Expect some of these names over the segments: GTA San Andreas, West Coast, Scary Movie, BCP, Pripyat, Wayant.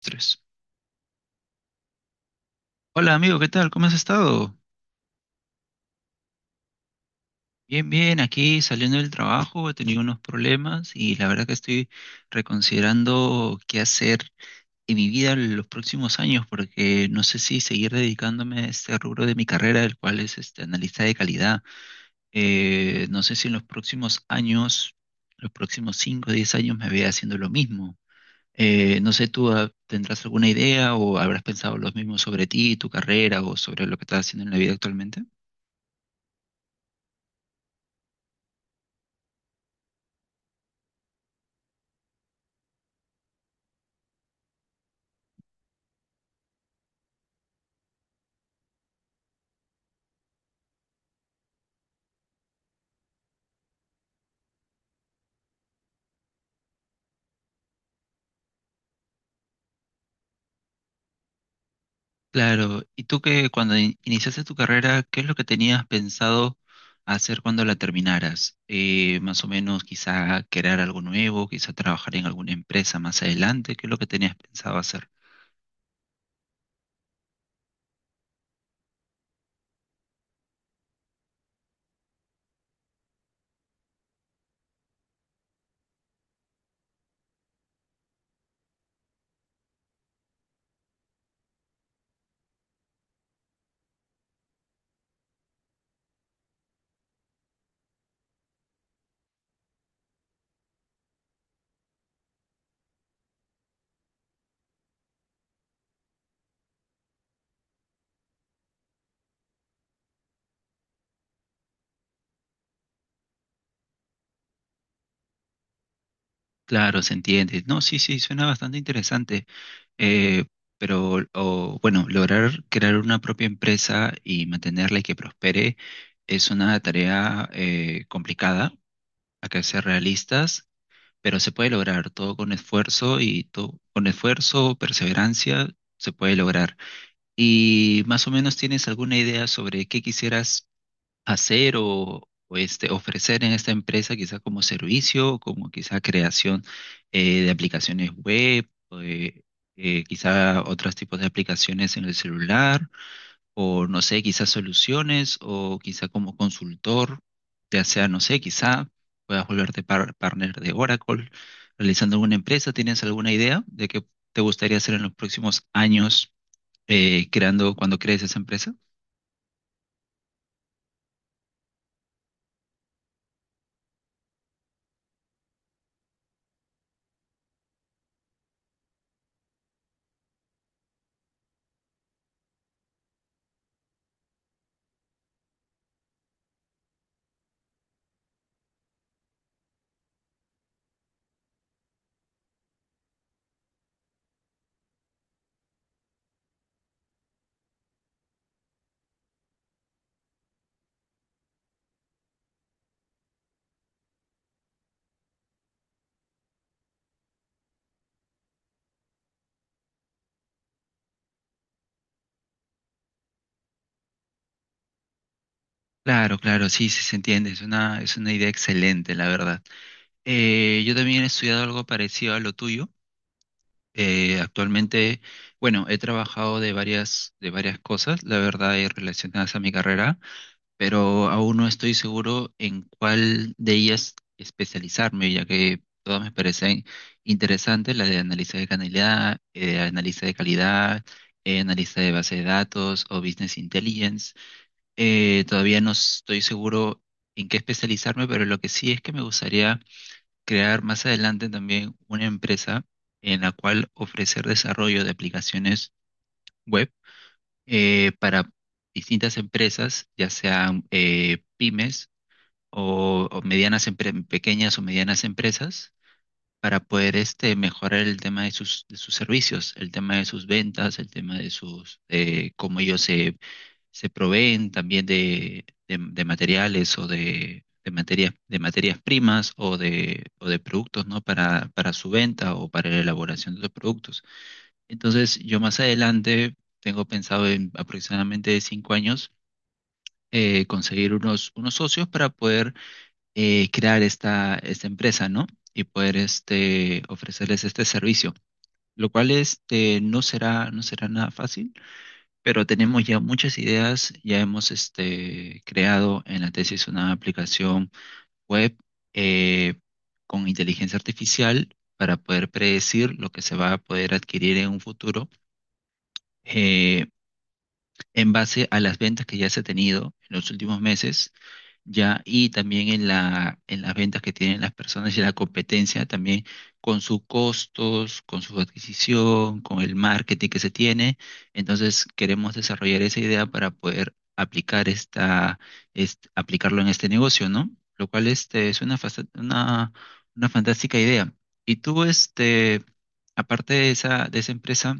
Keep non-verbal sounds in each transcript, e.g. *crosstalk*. Tres. Hola amigo, ¿qué tal? ¿Cómo has estado? Bien, bien, aquí saliendo del trabajo, he tenido unos problemas y la verdad que estoy reconsiderando qué hacer en mi vida en los próximos años, porque no sé si seguir dedicándome a este rubro de mi carrera, el cual es este analista de calidad. No sé si en los próximos años, los próximos 5 o 10 años me vea haciendo lo mismo. No sé, ¿tú tendrás alguna idea o habrás pensado lo mismo sobre ti, tu carrera, o sobre lo que estás haciendo en la vida actualmente? Claro, ¿y tú, que cuando iniciaste tu carrera, qué es lo que tenías pensado hacer cuando la terminaras? Más o menos, quizá crear algo nuevo, quizá trabajar en alguna empresa más adelante. ¿Qué es lo que tenías pensado hacer? Claro, se entiende. No, sí, sí, suena bastante interesante. Eh, pero, o, bueno, lograr crear una propia empresa y mantenerla y que prospere es una tarea complicada. Hay que ser realistas, pero se puede lograr todo con esfuerzo, y todo con esfuerzo, perseverancia, se puede lograr. ¿Y más o menos tienes alguna idea sobre qué quisieras hacer, o, este, ofrecer en esta empresa? Quizá como servicio, como quizá creación de aplicaciones web, eh, quizá otros tipos de aplicaciones en el celular, o no sé, quizás soluciones, o quizá como consultor, ya sea, no sé, quizá puedas volverte partner de Oracle, realizando alguna empresa. ¿Tienes alguna idea de qué te gustaría hacer en los próximos años, creando, cuando crees esa empresa? Claro, claro, sí, sí se entiende. Es una, es una idea excelente, la verdad. Yo también he estudiado algo parecido a lo tuyo. Actualmente, bueno, he trabajado de varias cosas, la verdad, y relacionadas a mi carrera. Pero aún no estoy seguro en cuál de ellas especializarme, ya que todas me parecen interesantes: la de análisis de calidad, análisis de base de datos o business intelligence. Todavía no estoy seguro en qué especializarme, pero lo que sí es que me gustaría crear más adelante también una empresa en la cual ofrecer desarrollo de aplicaciones web para distintas empresas, ya sean pymes, o medianas pequeñas o medianas empresas, para poder, este, mejorar el tema de sus servicios, el tema de sus ventas, el tema de sus, cómo ellos se, se proveen también de, de materiales, o de, de materias primas, o de productos, ¿no? Para su venta, o para la elaboración de los productos. Entonces, yo más adelante tengo pensado, en aproximadamente 5 años, conseguir unos socios para poder crear esta empresa, ¿no? Y poder, este, ofrecerles este servicio, lo cual, este, no será, no será nada fácil, pero tenemos ya muchas ideas. Ya hemos, este, creado en la tesis una aplicación web eh, con inteligencia artificial para poder predecir lo que se va a poder adquirir en un futuro, eh, en base a las ventas que ya se ha tenido en los últimos meses, ya, y también en la, en las ventas que tienen las personas y la competencia, también con sus costos, con su adquisición, con el marketing que se tiene. Entonces, queremos desarrollar esa idea para poder aplicar aplicarlo en este negocio, ¿no? Lo cual, este, es una fantástica idea. Y tú, este, aparte de esa empresa,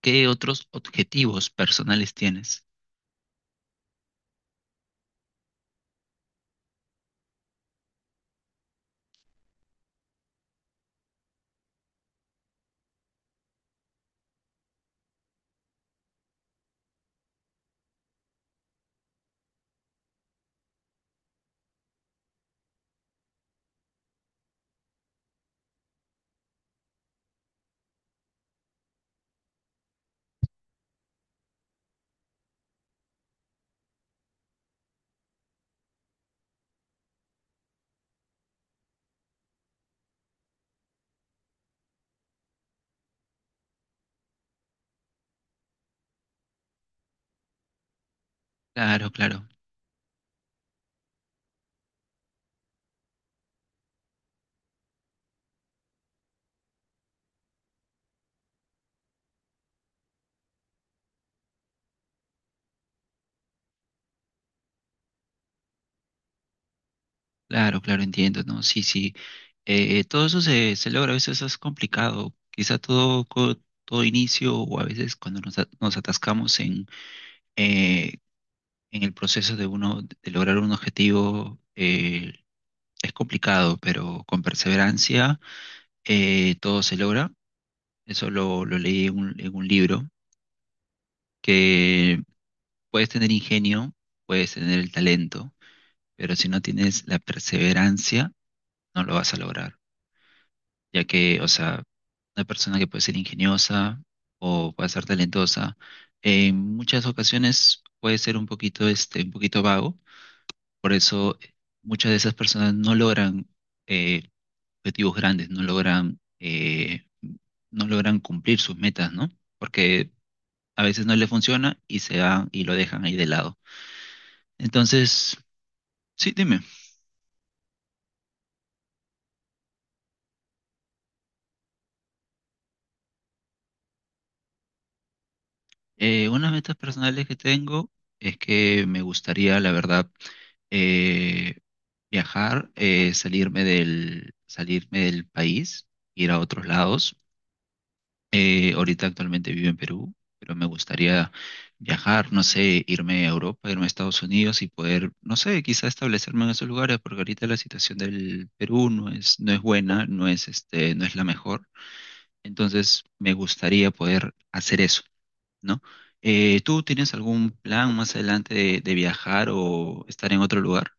¿qué otros objetivos personales tienes? Claro, claro. Claro, claro, entiendo, ¿no? Sí, sí. Todo eso se logra, a veces es complicado. Quizá todo, todo inicio, o a veces cuando nos atascamos eh, en el proceso de uno, de lograr un objetivo, es complicado, pero con perseverancia todo se logra. Eso lo leí en un libro: que puedes tener ingenio, puedes tener el talento, pero si no tienes la perseverancia, no lo vas a lograr. Ya que, o sea, una persona que puede ser ingeniosa o puede ser talentosa, en muchas ocasiones puede ser un poquito, este, un poquito vago, por eso muchas de esas personas no logran eh, objetivos grandes, no logran, no logran cumplir sus metas, ¿no? Porque a veces no les funciona y se van y lo dejan ahí de lado. Entonces, sí, dime. Unas metas personales que tengo es que me gustaría, la verdad, eh, viajar, salirme del país, ir a otros lados. Ahorita actualmente vivo en Perú, pero me gustaría viajar, no sé, irme a Europa, irme a Estados Unidos, y poder, no sé, quizá establecerme en esos lugares, porque ahorita la situación del Perú no es buena, no es este, no es la mejor. Entonces me gustaría poder hacer eso, ¿no? ¿Tú tienes algún plan más adelante de viajar o estar en otro lugar?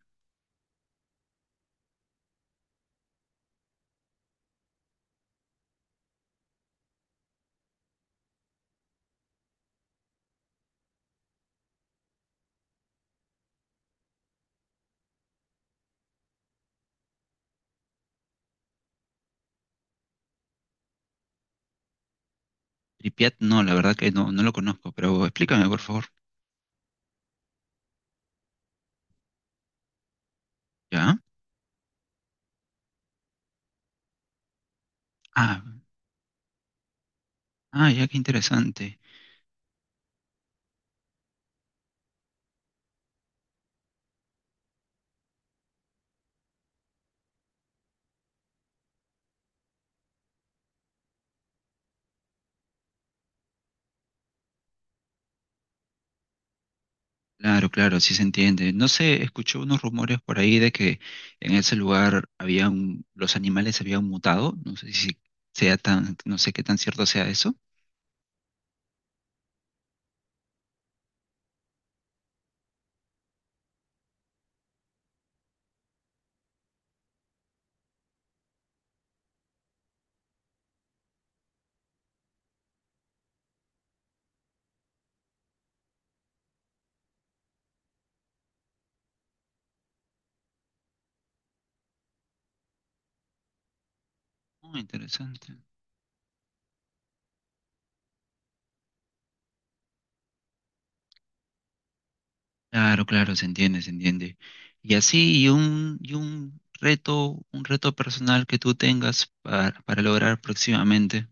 Pripyat, no, la verdad que no, no lo conozco, pero explícame, por favor. ¿Ya? Ah, ah, ya, qué interesante. Claro, claro, sí se entiende. No sé, escuché unos rumores por ahí de que en ese lugar los animales habían mutado. No sé si sea tan, no sé qué tan cierto sea eso. Oh, interesante. Claro, claro, se entiende, se entiende. Y así, un reto personal que tú tengas para lograr próximamente.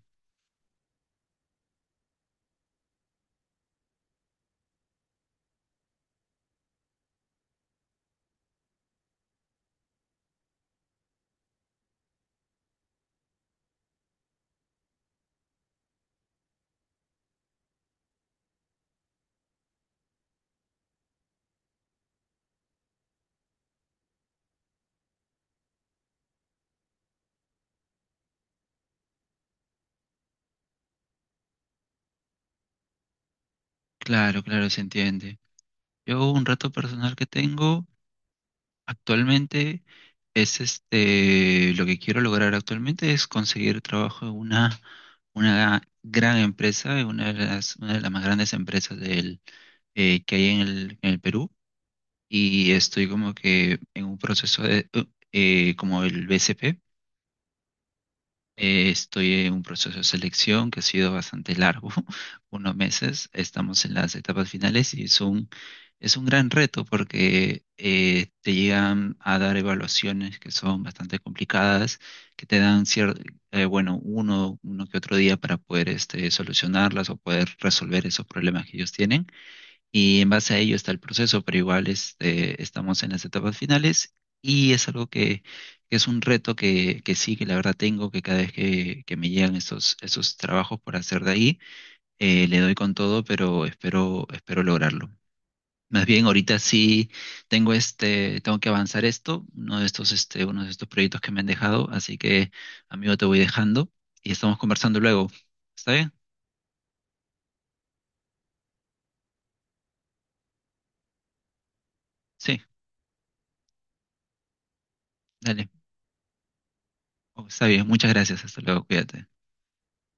Claro, claro, se entiende. Yo, un reto personal que tengo actualmente es este: lo que quiero lograr actualmente es conseguir trabajo en una gran empresa, en una de las más grandes empresas del, que hay en el Perú. Y estoy como que en un proceso como el BCP. Estoy en un proceso de selección que ha sido bastante largo, *laughs* unos meses. Estamos en las etapas finales y es un gran reto, porque te llegan a dar evaluaciones que son bastante complicadas, que te dan cierto, bueno, uno que otro día para poder, este, solucionarlas o poder resolver esos problemas que ellos tienen. Y en base a ello está el proceso, pero igual, este, estamos en las etapas finales, y es algo que es un reto que sí, que la verdad tengo. Que cada vez que me llegan estos, esos trabajos por hacer de ahí, le doy con todo, pero espero, espero lograrlo. Más bien, ahorita sí tengo, este, tengo que avanzar esto, uno de estos proyectos que me han dejado. Así que, amigo, te voy dejando y estamos conversando luego. ¿Está bien? Sí, dale. Oh, está bien, muchas gracias, hasta luego, cuídate.